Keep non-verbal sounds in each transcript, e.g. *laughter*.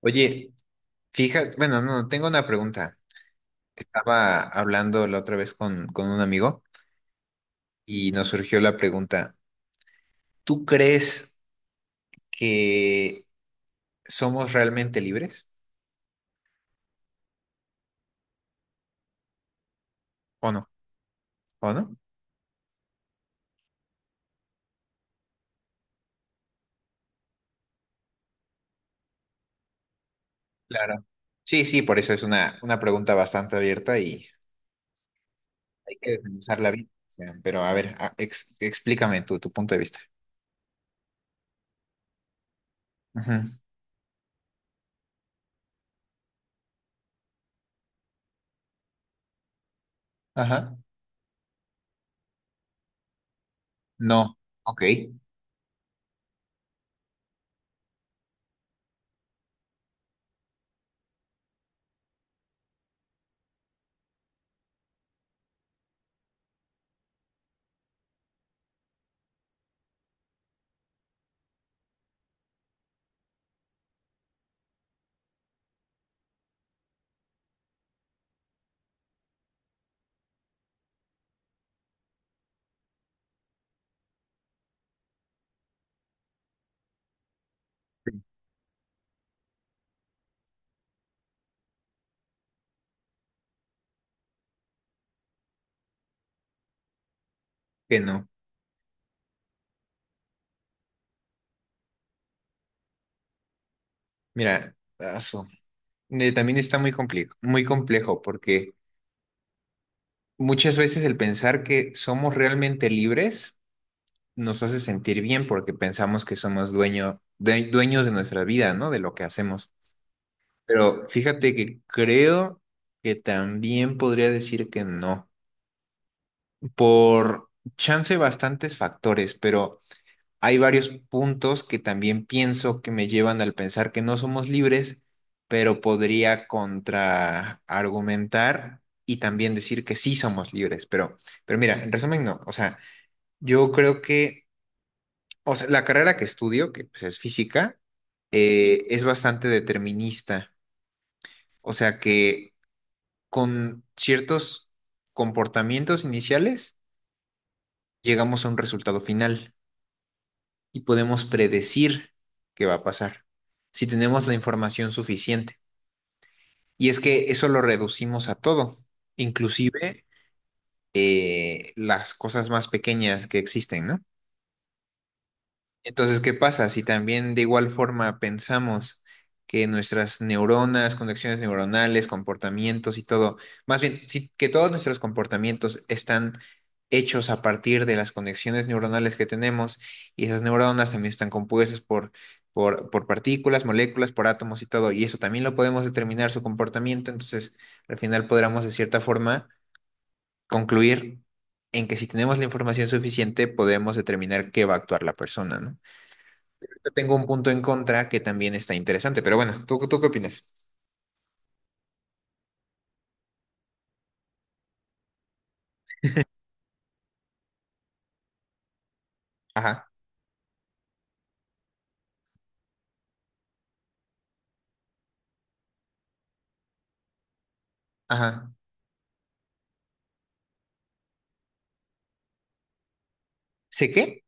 Oye, fíjate, bueno, no, tengo una pregunta. Estaba hablando la otra vez con un amigo y nos surgió la pregunta, ¿tú crees que somos realmente libres o no? ¿O no? Claro. Sí, sí, por eso es una pregunta bastante abierta y hay que desmenuzarla bien. O sea, pero a ver, explícame tu punto de vista. Ujú. Ajá. No. Ok. Que no. Mira, aso. También está muy complejo porque muchas veces el pensar que somos realmente libres nos hace sentir bien porque pensamos que somos dueños de nuestra vida, ¿no? De lo que hacemos. Pero fíjate que creo que también podría decir que no, por chance bastantes factores, pero hay varios puntos que también pienso que me llevan al pensar que no somos libres, pero podría contraargumentar y también decir que sí somos libres, pero mira, en resumen, no. O sea, yo creo que, o sea, la carrera que estudio, que pues, es física, es bastante determinista. O sea que con ciertos comportamientos iniciales llegamos a un resultado final y podemos predecir qué va a pasar si tenemos la información suficiente. Y es que eso lo reducimos a todo, inclusive las cosas más pequeñas que existen, ¿no? Entonces, ¿qué pasa? Si también de igual forma pensamos que nuestras neuronas, conexiones neuronales, comportamientos y todo, más bien, que todos nuestros comportamientos están hechos a partir de las conexiones neuronales que tenemos y esas neuronas también están compuestas por partículas, moléculas, por átomos y todo, y eso también lo podemos determinar su comportamiento, entonces al final podremos de cierta forma concluir en que si tenemos la información suficiente podemos determinar qué va a actuar la persona, ¿no? Tengo un punto en contra que también está interesante, pero bueno, ¿tú qué opinas? Ajá, ajá. ¿Sé qué?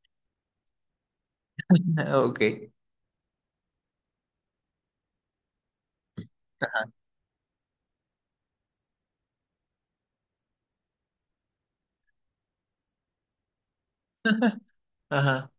*laughs* Ah, ok. Ajá, ajá.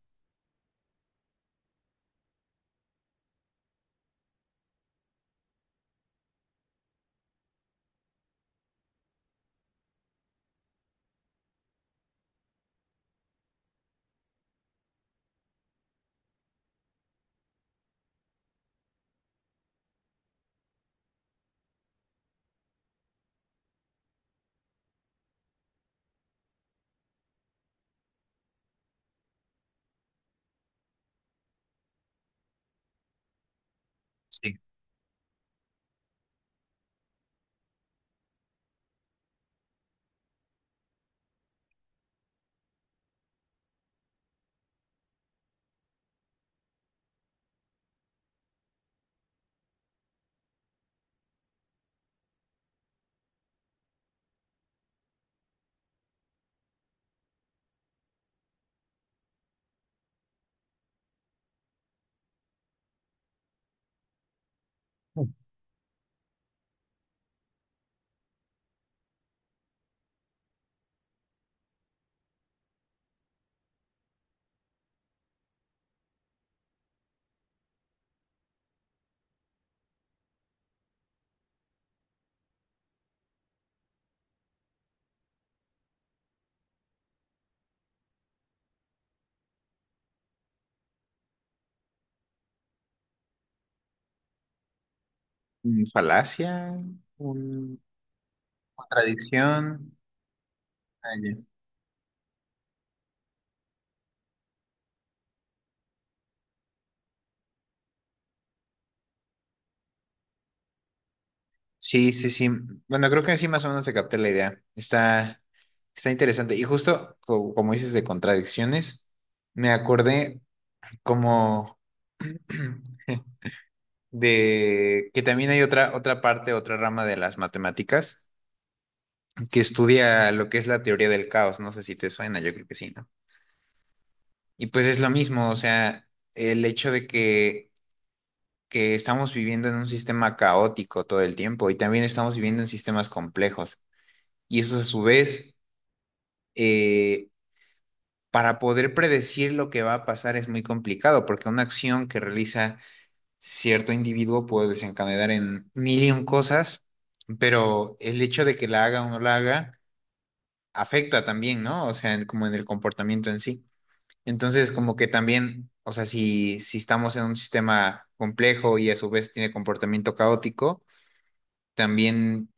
Sí. Mm, falacia, un- contradicción. Ah, ya. Sí, sí, sí. Bueno, creo que así más o menos se capté la idea. Está interesante. Y justo como dices de contradicciones, me acordé como *clears throat* de que también hay otra parte, otra rama de las matemáticas que estudia lo que es la teoría del caos. No sé si te suena, yo creo que sí, ¿no? Y pues es lo mismo, o sea, el hecho de que estamos viviendo en un sistema caótico todo el tiempo y también estamos viviendo en sistemas complejos. Y eso a su vez, eh, para poder predecir lo que va a pasar es muy complicado, porque una acción que realiza cierto individuo puede desencadenar en mil y un cosas, pero el hecho de que la haga o no la haga afecta también, ¿no? O sea, como en el comportamiento en sí. Entonces, como que también, o sea, si estamos en un sistema complejo y a su vez tiene comportamiento caótico, también,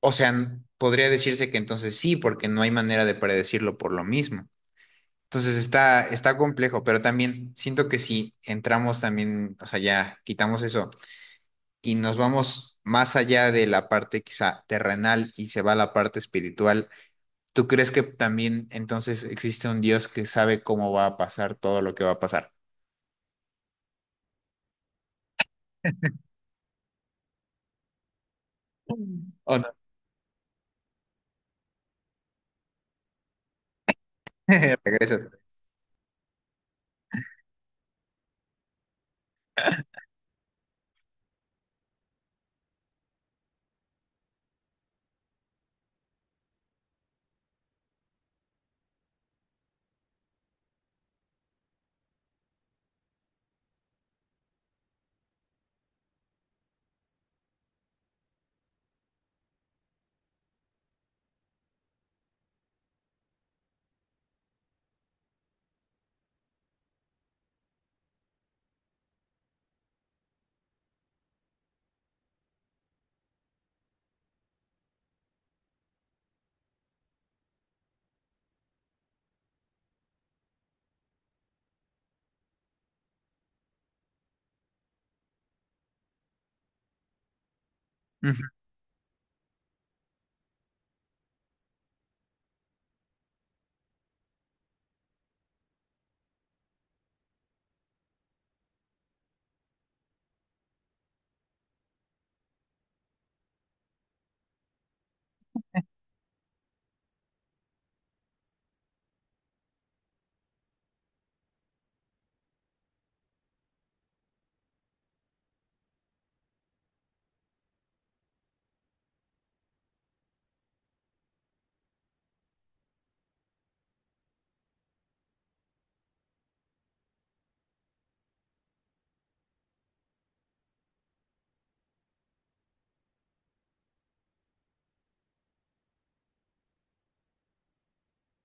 o sea, podría decirse que entonces sí, porque no hay manera de predecirlo por lo mismo. Entonces está complejo, pero también siento que si entramos también, o sea, ya quitamos eso y nos vamos más allá de la parte quizá terrenal y se va a la parte espiritual, ¿tú crees que también entonces existe un Dios que sabe cómo va a pasar todo lo que va a pasar? Mm. ¿O no? *laughs* Regresas. Ujú,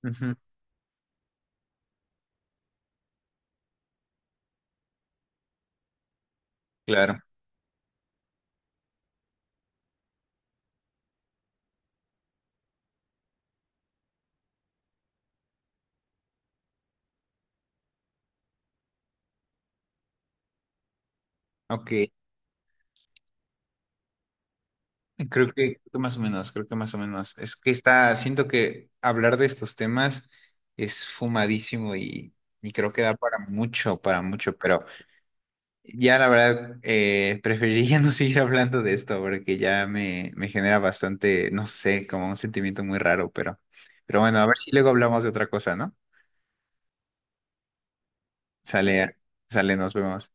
ujú, claro. Ok. Creo creo que más o menos, creo que más o menos. Es que está, siento que hablar de estos temas es fumadísimo y creo que da para mucho, pero ya la verdad preferiría *laughs* no seguir hablando de esto porque ya me genera bastante, no sé, como un sentimiento muy raro, pero bueno, a ver si luego hablamos de otra cosa, ¿no? Sale, sale, nos vemos.